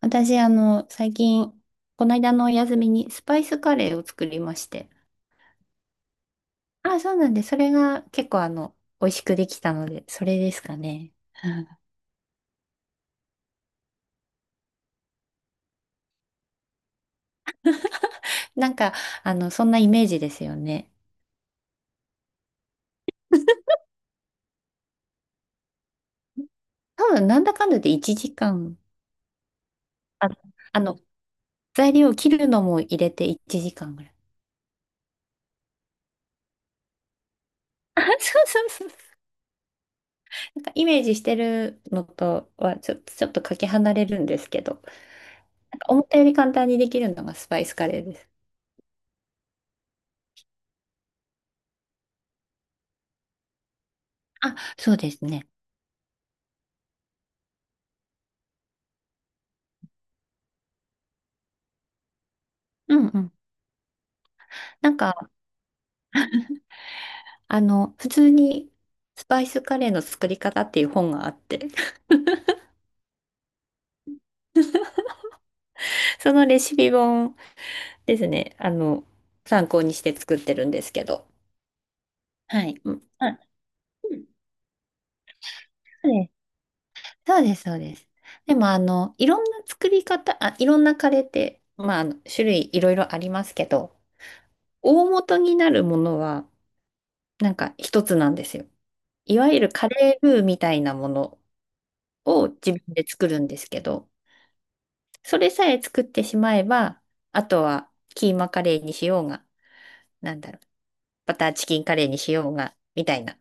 私、最近、この間のお休みにスパイスカレーを作りまして。あ、そうなんで、それが結構、美味しくできたので、それですかね。うん。 なんか、そんなイメージですよね。多分、なんだかんだで1時間、あ、あの、材料を切るのも入れて1時間ぐらい。あ、そうそうそう。なんかイメージしてるのとはちょっとかけ離れるんですけど、なんか思ったより簡単にできるのがスパイスカレーです。あ、そうですね。うんうん。なんか普通にスパイスカレーの作り方っていう本があって、そのレシピ本ですね、参考にして作ってるんですけど。はい。うん、あ、うん。そうです、そうです。そうです。でも、いろんなカレーって、まあ、あの種類いろいろありますけど、大元になるものは、なんか一つなんですよ。いわゆるカレールーみたいなものを自分で作るんですけど、それさえ作ってしまえば、あとはキーマカレーにしようが、なんだろう、バターチキンカレーにしようが、みたいな。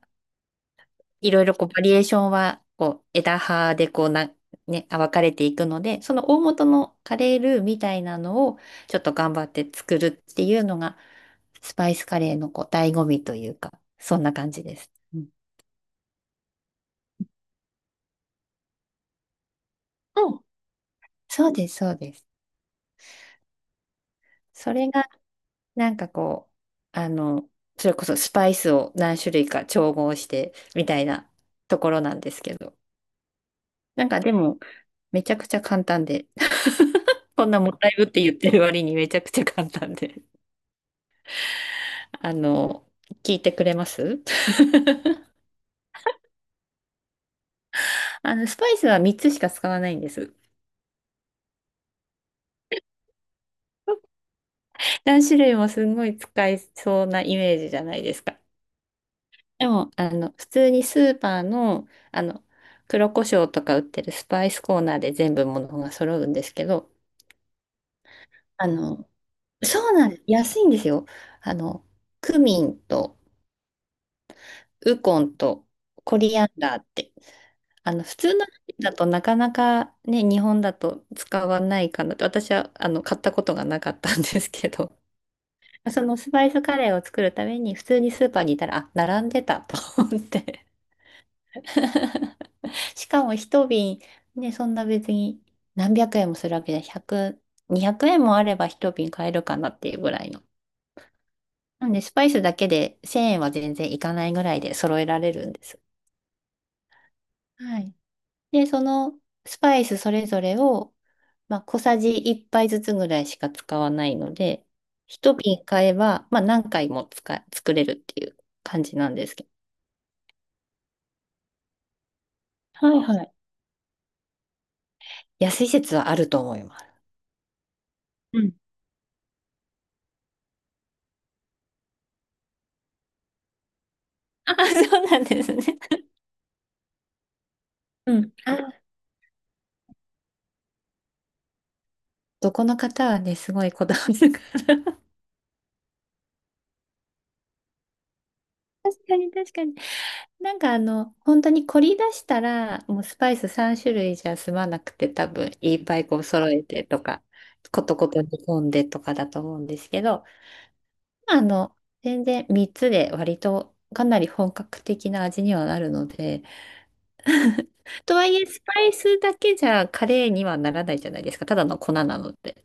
いろいろこうバリエーションは、こう枝葉でこうな、ね、分かれていくので、その大元のカレールーみたいなのをちょっと頑張って作るっていうのが、スパイスカレーのこう醍醐味というか、そんな感じです。うん、うん。そうです、そうです。それがなんかこう、それこそスパイスを何種類か調合してみたいなところなんですけど。なんかでも、めちゃくちゃ簡単で。こんなもったいぶって言ってる割にめちゃくちゃ簡単で。あの、聞いてくれます？ スパイスは3つしか使わないんです。何種類もすんごい使いそうなイメージじゃないですか。でも、普通にスーパーの、黒胡椒とか売ってるスパイスコーナーで全部ものが揃うんですけど、あの、そうなんです。安いんですよ。あの、クミンとウコンとコリアンダーって。普通の料理だとなかなかね、日本だと使わないかなと、私は、買ったことがなかったんですけど、そのスパイスカレーを作るために普通にスーパーにいたら、あ、並んでたと思って。しかも一瓶、ね、そんな別に何百円もするわけじゃ、100、200円もあれば一瓶買えるかなっていうぐらいの。なんで、スパイスだけで1000円は全然いかないぐらいで揃えられるんです。はい。で、そのスパイスそれぞれを、まあ、小さじ1杯ずつぐらいしか使わないので、一瓶買えば、まあ、何回も作れるっていう感じなんですけど。はいはい。安い説はあると思います。うん。あ、そうなんですね。うん。あ、どこの方はね、すごいこだわるから。確かに確かに。なんか本当に凝り出したら、もうスパイス3種類じゃ済まなくて、多分いっぱいこう揃えてとか、ことこと煮込んでとかだと思うんですけど、あの、全然3つで割とかなり本格的な味にはなるので、とはいえスパイスだけじゃカレーにはならないじゃないですか。ただの粉なので。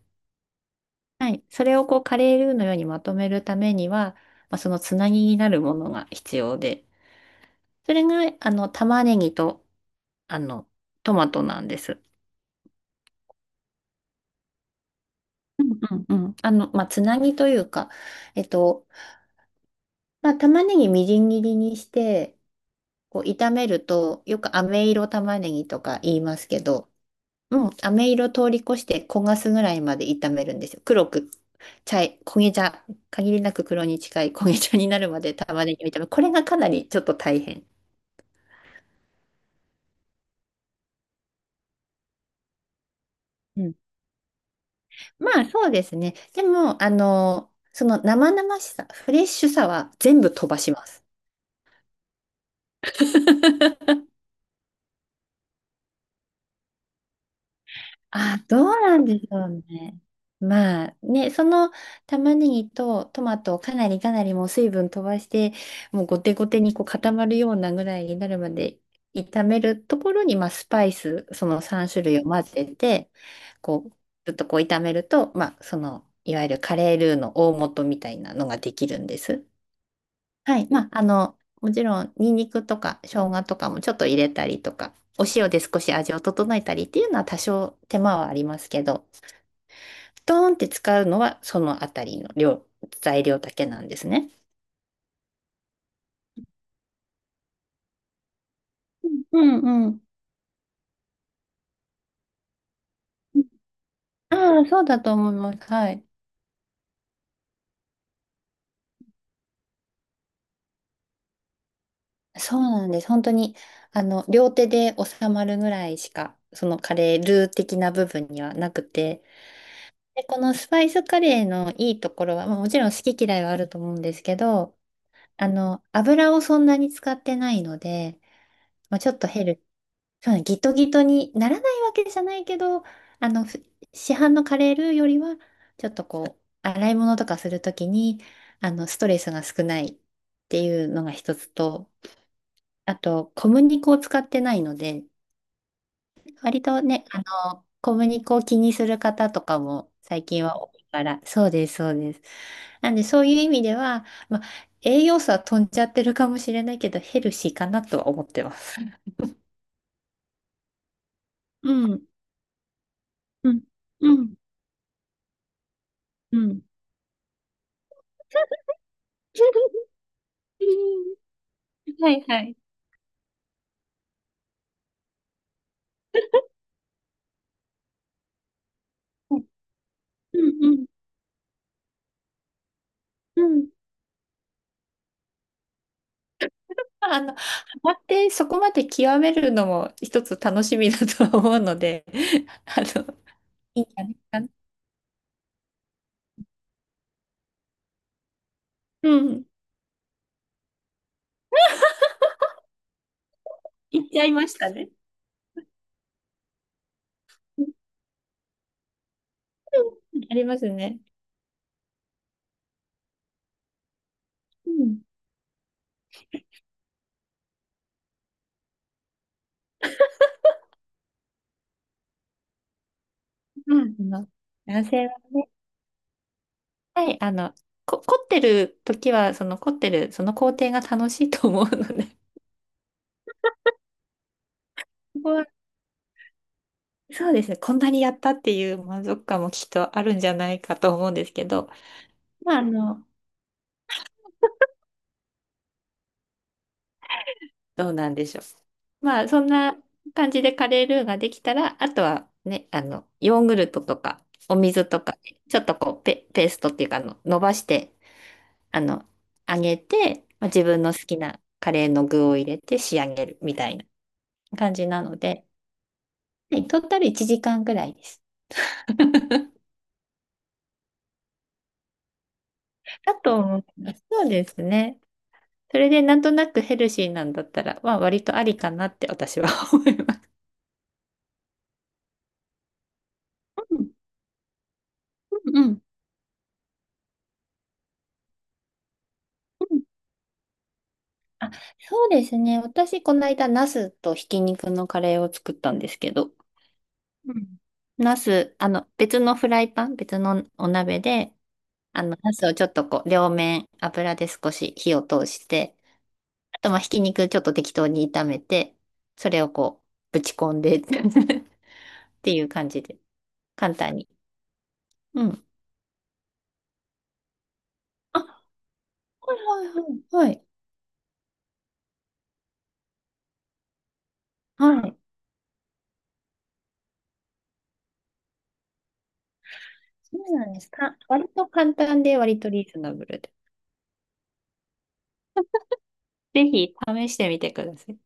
はい。それをこうカレールーのようにまとめるためには、まあ、そのつなぎになるものが必要で、それが、玉ねぎと、あの、トマトなんです。うんうんうん。まあ、つなぎというか、えっと、まあ、玉ねぎみじん切りにして、こう、炒めると、よく飴色玉ねぎとか言いますけど、もう飴色通り越して焦がすぐらいまで炒めるんですよ。黒く、焦げ茶、限りなく黒に近い焦げ茶になるまで玉ねぎを炒める。これがかなりちょっと大変。うん。まあそうですね。でも、その生々しさ、フレッシュさは全部飛ばします。あ、どうなんでしょうね。まあね、その玉ねぎとトマトをかなりかなりもう水分飛ばして、もうゴテゴテにこう固まるようなぐらいになるまで炒めるところに、まあ、スパイス、その3種類を混ぜて、こう、ずっとこう炒めると、まあ、その、いわゆるカレールーの大元みたいなのができるんです。はい。まあ、もちろん、ニンニクとか生姜とかもちょっと入れたりとか、お塩で少し味を整えたりっていうのは多少手間はありますけど、ドーンって使うのはそのあたりの量、材料だけなんですね。うんうん。ああ、そうだと思います。はい。そうなんです。本当に、両手で収まるぐらいしか、そのカレールー的な部分にはなくて、で、このスパイスカレーのいいところは、まあ、もちろん好き嫌いはあると思うんですけど、油をそんなに使ってないので、まあ、ちょっとヘル、そうねギトギトにならないわけじゃないけど、あの、ふ市販のカレールーよりは、ちょっとこう、洗い物とかするときに、ストレスが少ないっていうのが一つと、あと、小麦粉を使ってないので、割とね、小麦粉を気にする方とかも最近は多いから、そうです、そうです。なんで、そういう意味では、まあ、栄養素は飛んじゃってるかもしれないけど、ヘルシーかなとは思ってます。うん、うん、うん、うん。はいはい。うんうんうんうん。はいはい。うんうんうん。まあハマってそこまで極めるのも一つ楽しみだとは思うので、あの、いいんじゃないかな。うん、行っちゃいましたね。うん、ありますね。うん。まあ男性は、はい、凝ってる時は、その凝ってる、その工程が楽しいと思うので、ここはそうですね、こんなにやったっていう満足感もきっとあるんじゃないかと思うんですけど、まあ、どうなんでしょう。まあ、そんな感じでカレールーができたら、あとはね、ヨーグルトとか、お水とか、ちょっとこう、ペーストっていうか、伸ばして、あの、揚げて、まあ、自分の好きなカレーの具を入れて仕上げるみたいな。感じなので、はい、トータル1時間ぐらいです。だと思います。そうですね。それでなんとなくヘルシーなんだったら、まあ、割とありかなって私は 思います。うんうんうんうん。あ、そうですね。私、この間、ナスとひき肉のカレーを作ったんですけど、うん、ナス、別のフライパン、別のお鍋で、ナスをちょっとこう、両面油で少し火を通して、あと、まあ、ひき肉ちょっと適当に炒めて、それをこう、ぶち込んで っていう感じで、簡単に。うん。あ、はいはいはい。はい。はい。そうなんですか。割と簡単で、割とリーズナブルで。ぜひ試してみてください。